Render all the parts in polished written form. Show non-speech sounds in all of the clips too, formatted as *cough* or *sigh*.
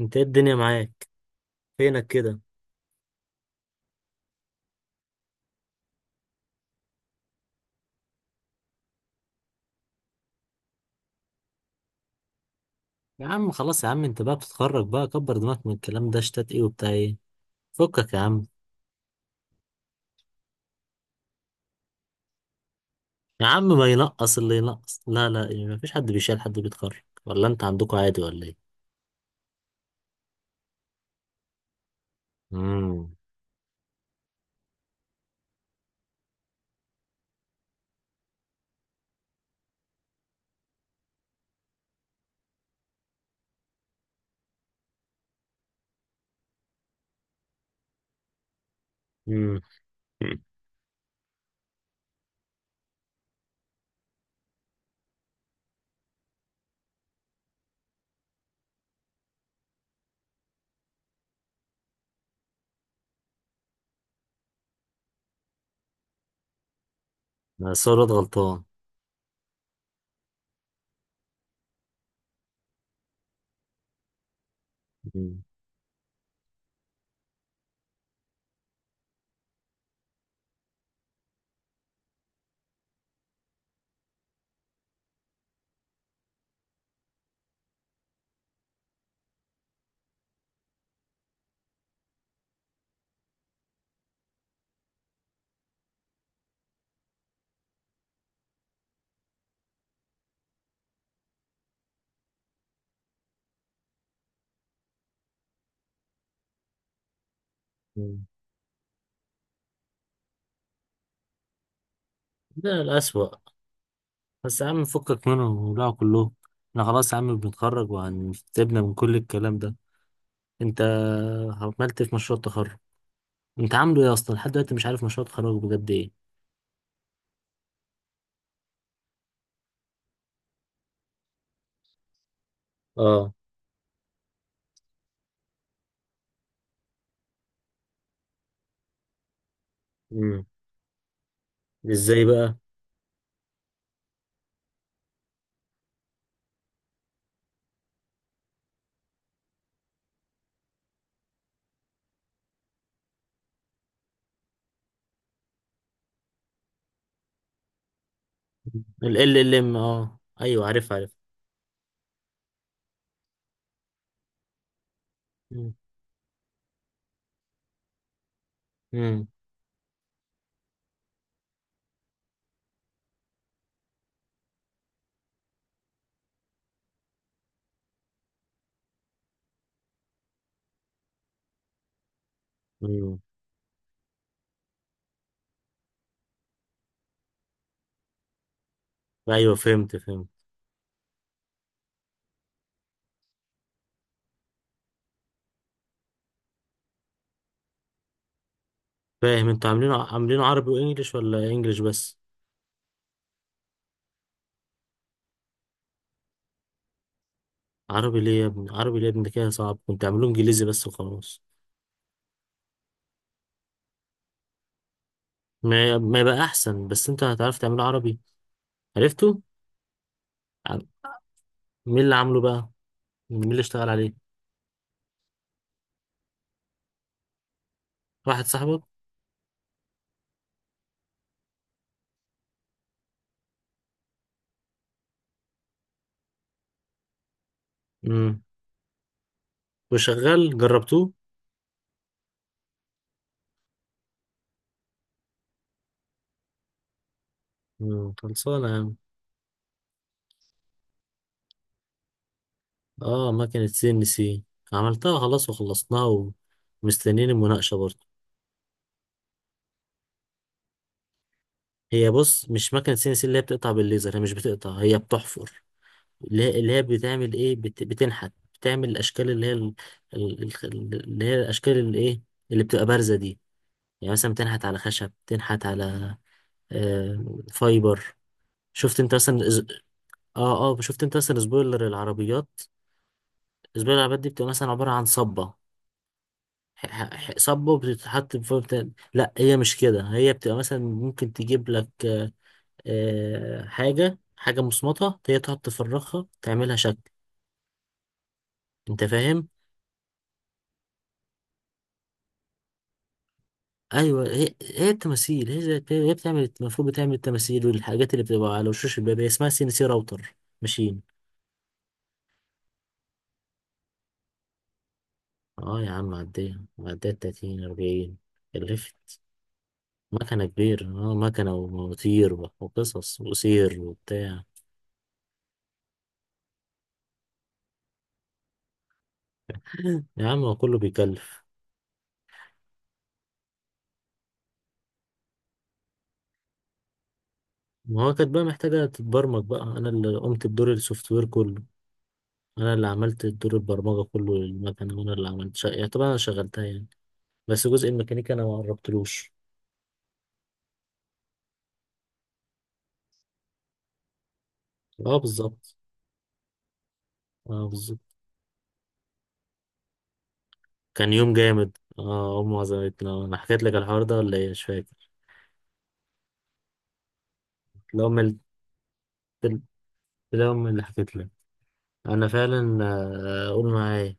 انت ايه الدنيا معاك؟ فينك كده؟ يا عم خلاص يا عم، انت بقى بتتخرج بقى، كبر دماغك من الكلام ده، اشتات ايه وبتاع ايه؟ فكك يا عم. يا عم ما ينقص اللي ينقص، لا لا ايه، ما فيش حد بيشيل حد بيتخرج، ولا انت عندكوا عادي ولا ايه؟ امم امم. صورة *laughs* غلطان. مم. مم. ده الأسوأ. بس يا عم فكك منهم وبلعوا كلهم. احنا خلاص يا عم بنتخرج وهنسيبنا من كل الكلام ده. انت عملت ايه في مشروع التخرج؟ انت عامله ايه اصلا لحد دلوقتي؟ مش عارف مشروع التخرج بجد ايه. اه. مم. ازاي بقى؟ ال ال ال ام اه ايوه عارف عارف. مم. مم. مم. ايوه فهمت فهمت. فاهم انتوا عاملينه عاملينه عربي وانجليش، ولا انجليش بس؟ عربي ليه يا ابني؟ عربي ليه يا ابني؟ ده كده صعب، كنت اعملوه انجليزي بس وخلاص. ما يبقى احسن، بس انت هتعرف تعمله عربي؟ عرفته؟ عن- مين اللي عامله بقى؟ مين اللي اشتغل عليه؟ واحد صاحبك؟ امم. وشغال؟ جربتوه؟ امم. خلصانه يا عم. اه مكنه سي ان سي، عملتها خلاص وخلصناها، ومستنيين المناقشه برضه. هي بص، مش مكنة سي ان سي اللي هي بتقطع بالليزر، هي مش بتقطع، هي بتحفر. اللي هي بتعمل ايه، بتنحت. بتعمل الاشكال اللي هي اللي هي الاشكال اللي ايه، اللي بتبقى بارزة دي. يعني مثلا بتنحت على خشب، بتنحت على آه... فايبر. شفت انت مثلا اه اه شفت انت مثلا سبويلر العربيات؟ سبويلر العربيات دي بتبقى مثلا عبارة عن صبة. صبة بتتحط لا هي مش كده، هي بتبقى مثلا ممكن تجيب لك حاجة حاجة مصمتة، هي تقعد تفرغها تعملها شكل، انت فاهم؟ ايوه، هي هي التماثيل، هي بتعمل، المفروض بتعمل التماثيل والحاجات اللي بتبقى على وشوش الباب، هي اسمها سي ان سي راوتر ماشين. اه يا عم عديها عديها 30 40 كلفت. مكنة كبيرة، اه مكنة ومواتير وقصص وسير وبتاع. *laughs* يا عم هو كله بيكلف. ما هو كانت بقى محتاجة تتبرمج بقى، أنا اللي قمت بدور السوفت وير كله. انا اللي عملت دور البرمجه كله للمكنه، وانا اللي عملت شقه يعني، طبعا انا شغلتها يعني. بس جزء الميكانيكا انا ما قربتلوش. اه بالظبط. اه بالظبط. كان يوم جامد، اه امي عزمتنا. انا حكيت لك الحوار ده ولا ايه؟ مش فاكر. لا امي اللي لا امي اللي حكيت لك. انا فعلا قول معايا.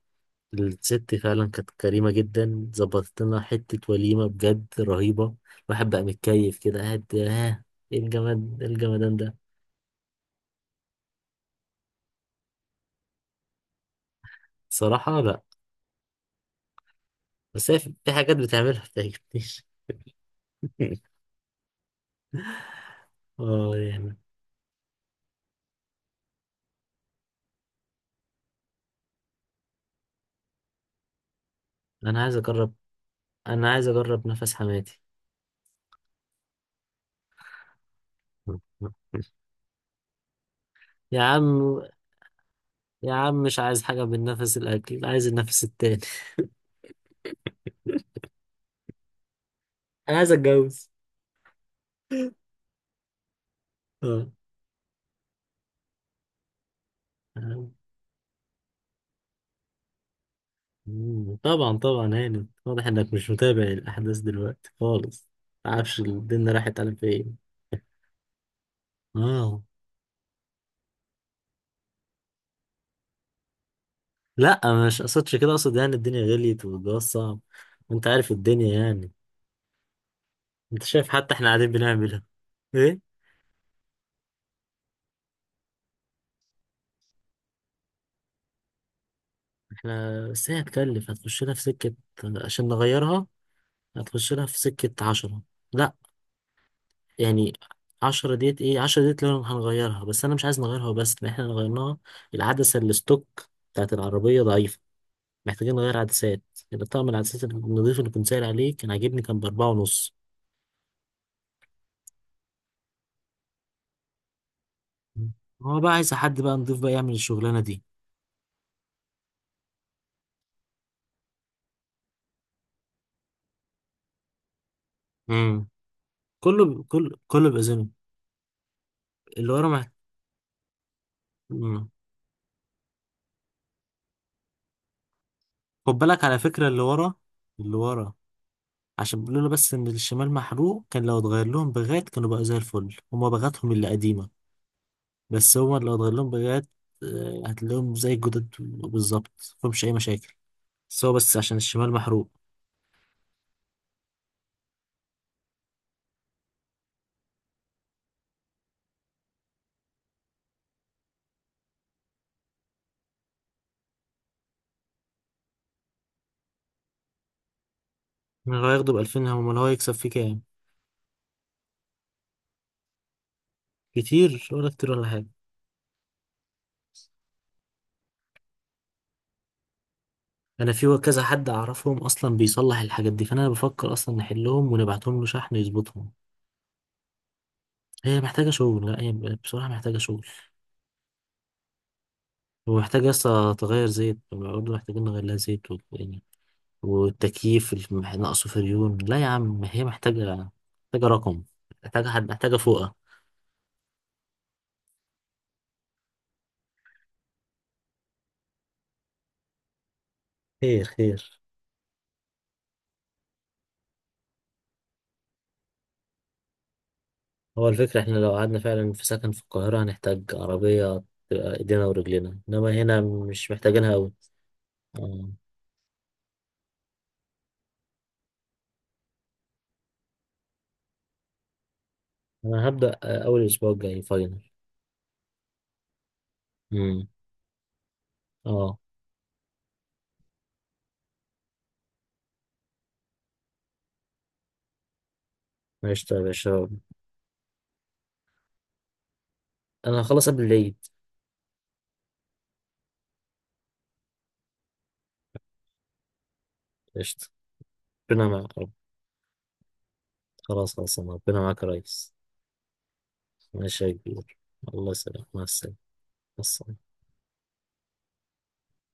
الست فعلا كانت كريمه جدا، ظبطت لنا حته وليمه بجد رهيبه. الواحد بقى متكيف كده قاعد، ها، ايه الجماد، إيه الجمدان ده؟ صراحه لا، بس هي في في حاجات بتعملها ما بتعجبنيش. *laughs* اه يعني. انا عايز اجرب، انا عايز اجرب نفس حماتي. يا عم، يا عم مش عايز حاجة من نفس الاكل، عايز النفس التاني. *laughs* انا عايز اتجوز. اه. مم. طبعا طبعا. هاني واضح انك مش متابع الاحداث دلوقتي خالص، معرفش الدنيا راحت على فين. اه. لا، مش اقصدش كده، اقصد يعني الدنيا غليت والجواز صعب، وانت عارف الدنيا يعني. انت شايف حتى احنا قاعدين بنعملها ايه. احنا بس هي هتكلف، هتخش لها في سكة عشان نغيرها، هتخش لها في سكة عشرة. لا يعني عشرة ديت ايه، عشرة ديت لو هنغيرها، بس انا مش عايز نغيرها، بس احنا لو غيرناها، العدسة اللي ستوك بتاعت العربية ضعيفة، محتاجين نغير عدسات. يبقى طقم العدسات النظيف اللي كنت سائل عليه كان عاجبني، كان ب4.5. مم. هو بقى عايز حد بقى نضيف بقى يعمل الشغلانة دي. امم. كله ب... كل كله بأذنه. اللي ورا مح... مم. خد بالك على فكرة اللي ورا، اللي ورا، عشان بيقولوا له بس ان الشمال محروق، كان لو اتغير لهم بغات كانوا بقى زي الفل، هما بغاتهم اللي قديمة، بس هما لو اتغير لهم بغات هتلاقيهم زي الجداد بالظبط، مفهمش أي مشاكل، بس هو بس عشان الشمال محروق. من هو هياخده ب2000؟ هم هو هيكسب فيه كام؟ كتير ولا كتير ولا حاجة؟ أنا في كذا حد أعرفهم أصلا بيصلح الحاجات دي، فأنا بفكر أصلا نحلهم ونبعتهم له شحن يظبطهم. هي محتاجة شغل، لا هي بصراحة محتاجة شغل. ومحتاجة لسه تغير زيت برضه، محتاجين نغير لها زيت يعني، ناقصه فريون. لا يا عم هي محتاجة، محتاجة رقم، محتاجة حد، محتاجة فوقة. خير خير. هو الفكرة، احنا لو قعدنا فعلا في سكن في القاهرة هنحتاج عربية تبقى ايدينا ورجلينا، انما هنا مش محتاجينها اوي. اه. انا هبدأ اول اسبوع الجاي فاينل. امم. اه. قشطة يا باشا. انا هخلص قبل العيد. قشطة. ربنا معاك يا رب. خلاص خلاص، ربنا معاك يا ريس. ماشي يا كبير، الله يسلمك، مع السلامة. مع السلامة.